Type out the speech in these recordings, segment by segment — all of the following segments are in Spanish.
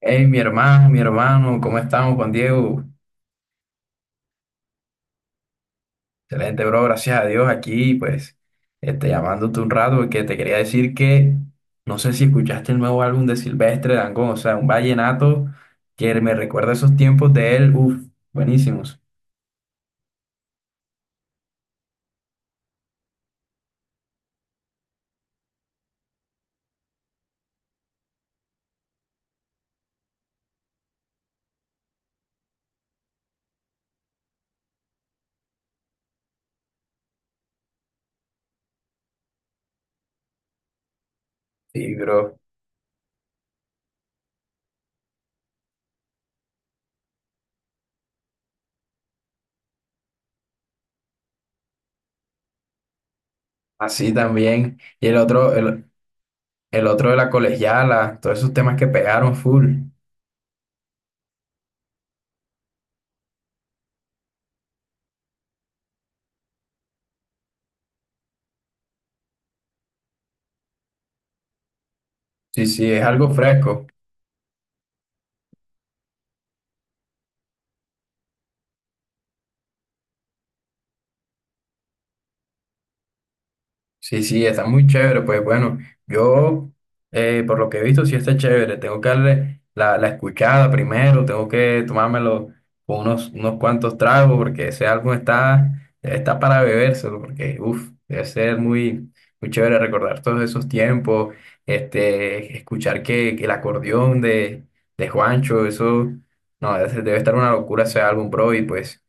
Hey, mi hermano, ¿cómo estamos, Juan Diego? Excelente, bro, gracias a Dios aquí, pues, llamándote un rato porque te quería decir que no sé si escuchaste el nuevo álbum de Silvestre Dangond, o sea, un vallenato que me recuerda esos tiempos de él, uff, buenísimos. Sí, bro, así también. Y el otro, el otro de la colegiala, todos esos temas que pegaron full. Sí, sí, es algo fresco. Sí, sí, está muy chévere. Pues bueno, yo por lo que he visto sí está chévere. Tengo que darle la escuchada primero, tengo que tomármelo con unos cuantos tragos porque ese álbum está, está para bebérselo porque uff, debe ser muy, muy chévere recordar todos esos tiempos, escuchar que el acordeón de Juancho, eso, no, debe estar una locura ese álbum, bro. Y pues,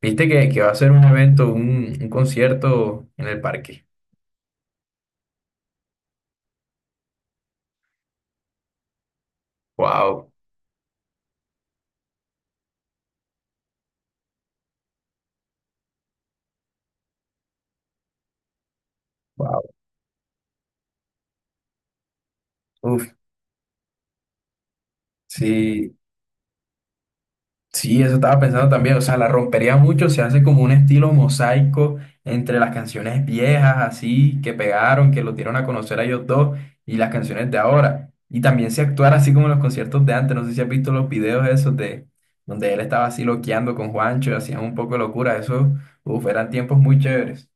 viste que va a ser un evento, un concierto en el parque. Wow, wow. Uf, sí, sí, eso estaba pensando también. O sea, la rompería mucho, se hace como un estilo mosaico entre las canciones viejas, así, que pegaron, que los dieron a conocer a ellos dos, y las canciones de ahora. Y también se actuara así como en los conciertos de antes. No sé si has visto los videos esos de donde él estaba así loqueando con Juancho, hacían un poco de locura. Eso, uf, eran tiempos muy chéveres.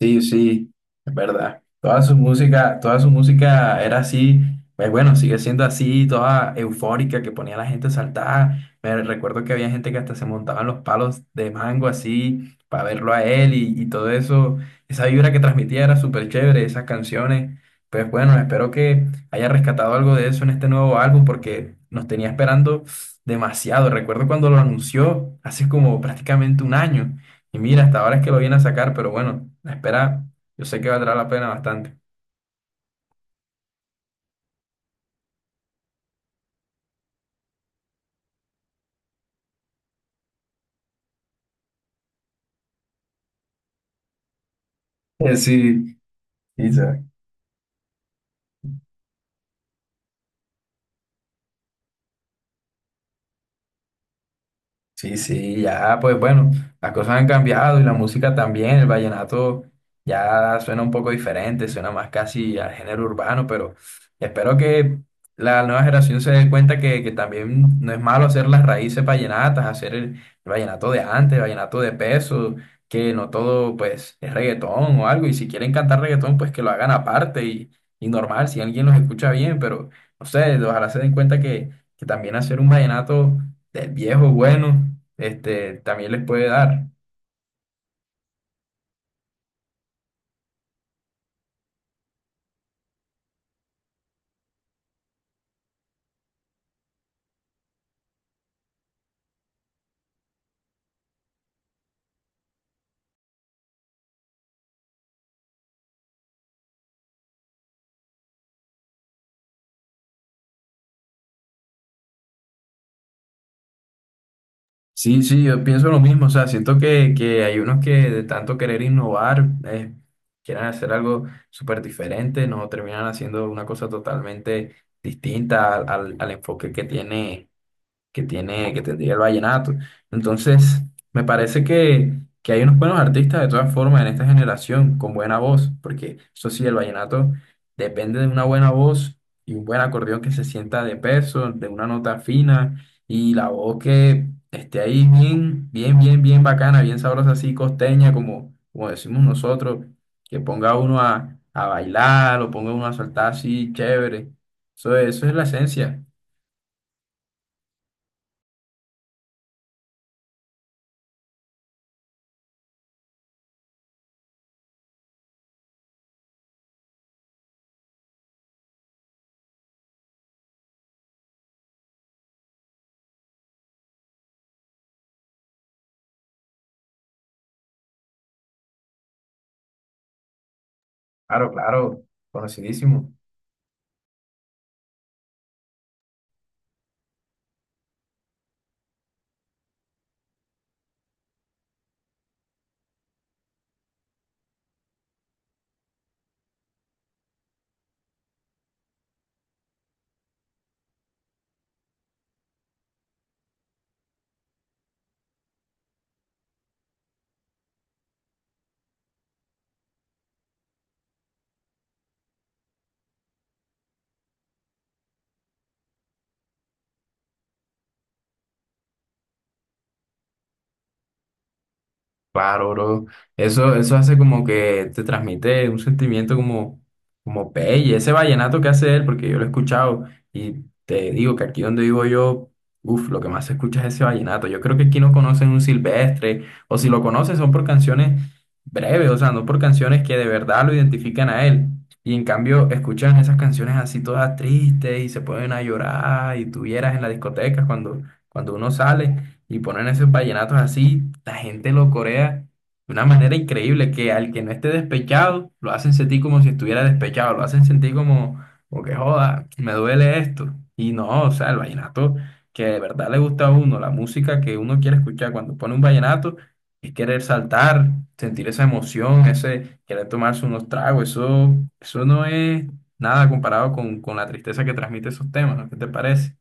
Sí, sí, es verdad. Toda su música era así, pues bueno, sigue siendo así, toda eufórica, que ponía a la gente a saltar. Me recuerdo que había gente que hasta se montaba en los palos de mango así, para verlo a él y todo eso. Esa vibra que transmitía era súper chévere, esas canciones. Pues bueno, espero que haya rescatado algo de eso en este nuevo álbum, porque nos tenía esperando demasiado. Recuerdo cuando lo anunció, hace como prácticamente un año. Y mira, hasta ahora es que lo viene a sacar, pero bueno, la espera, yo sé que valdrá la pena bastante. Sí, sí, sí. Sí, sí, ya, pues bueno, las cosas han cambiado y la música también, el vallenato ya suena un poco diferente, suena más casi al género urbano, pero espero que la nueva generación se dé cuenta que también no es malo hacer las raíces vallenatas, hacer el vallenato de antes, el vallenato de peso, que no todo pues es reggaetón o algo, y si quieren cantar reggaetón, pues que lo hagan aparte y normal, si alguien los escucha bien, pero no sé, ojalá se den cuenta que también hacer un vallenato del viejo bueno, también les puede dar. Sí, sí, yo pienso lo mismo, o sea, siento que hay unos que de tanto querer innovar, quieren hacer algo súper diferente, no terminan haciendo una cosa totalmente distinta al enfoque que tiene. Que tiene, que tendría el vallenato. Entonces, me parece que hay unos buenos artistas de todas formas en esta generación con buena voz, porque eso sí, el vallenato depende de una buena voz y un buen acordeón que se sienta de peso, de una nota fina y la voz que esté ahí bien, bien, bien, bien bacana, bien sabrosa, así costeña, como, como decimos nosotros, que ponga a uno a bailar, o ponga a uno a saltar así, chévere. Eso es la esencia. Claro, claro, conocidísimo. Claro, bro. Eso hace como que te transmite un sentimiento como, como pelle. Ese vallenato que hace él, porque yo lo he escuchado y te digo que aquí donde vivo yo, uff, lo que más se escucha es ese vallenato. Yo creo que aquí no conocen un silvestre, o si lo conocen son por canciones breves, o sea, no por canciones que de verdad lo identifican a él. Y en cambio escuchan esas canciones así todas tristes y se ponen a llorar y tuvieras en las discotecas cuando uno sale. Y ponen esos vallenatos así, la gente lo corea de una manera increíble, que al que no esté despechado, lo hacen sentir como si estuviera despechado, lo hacen sentir como, como que joda, me duele esto. Y no, o sea, el vallenato que de verdad le gusta a uno, la música que uno quiere escuchar cuando pone un vallenato, es querer saltar, sentir esa emoción, ese querer tomarse unos tragos, eso no es nada comparado con la tristeza que transmite esos temas, ¿no? ¿Qué te parece?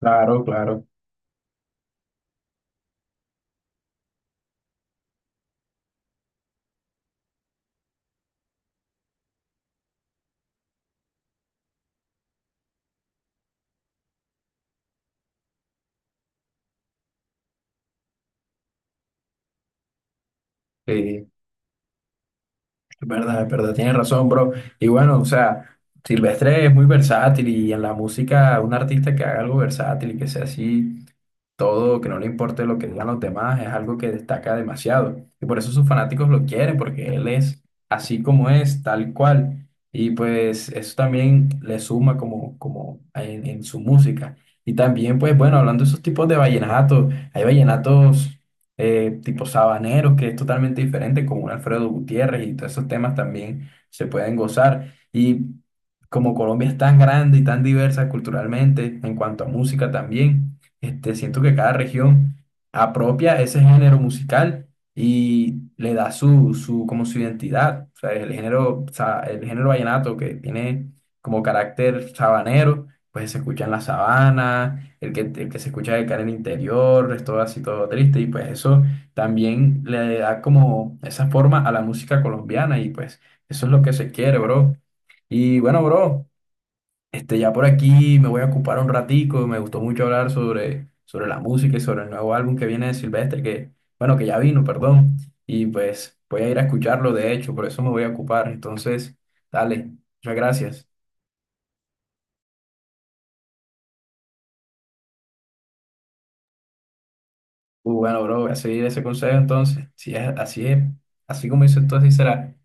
Claro, claro. Es verdad, tienes razón, bro. Y bueno, o sea, Silvestre es muy versátil y en la música, un artista que haga algo versátil y que sea así, todo, que no le importe lo que digan los demás, es algo que destaca demasiado. Y por eso sus fanáticos lo quieren, porque él es así como es, tal cual. Y pues eso también le suma como, como en su música. Y también, pues bueno, hablando de esos tipos de vallenatos, hay vallenatos tipo Sabanero, que es totalmente diferente, como un Alfredo Gutiérrez y todos esos temas también se pueden gozar. Y como Colombia es tan grande y tan diversa culturalmente, en cuanto a música también, siento que cada región apropia ese género musical y le da su, su, como su identidad. O sea, el género vallenato que tiene como carácter sabanero, pues se escucha en la sabana el que se escucha de cara al interior, es todo así, todo triste, y pues eso también le da como esa forma a la música colombiana, y pues eso es lo que se quiere, bro. Y bueno, bro, ya por aquí me voy a ocupar un ratico, me gustó mucho hablar sobre la música y sobre el nuevo álbum que viene de Silvestre, que, bueno, que ya vino, perdón, y pues voy a ir a escucharlo, de hecho, por eso me voy a ocupar, entonces, dale, muchas gracias. Bueno, bro, voy a seguir ese consejo entonces. Si es así, es, así como dices tú, así será.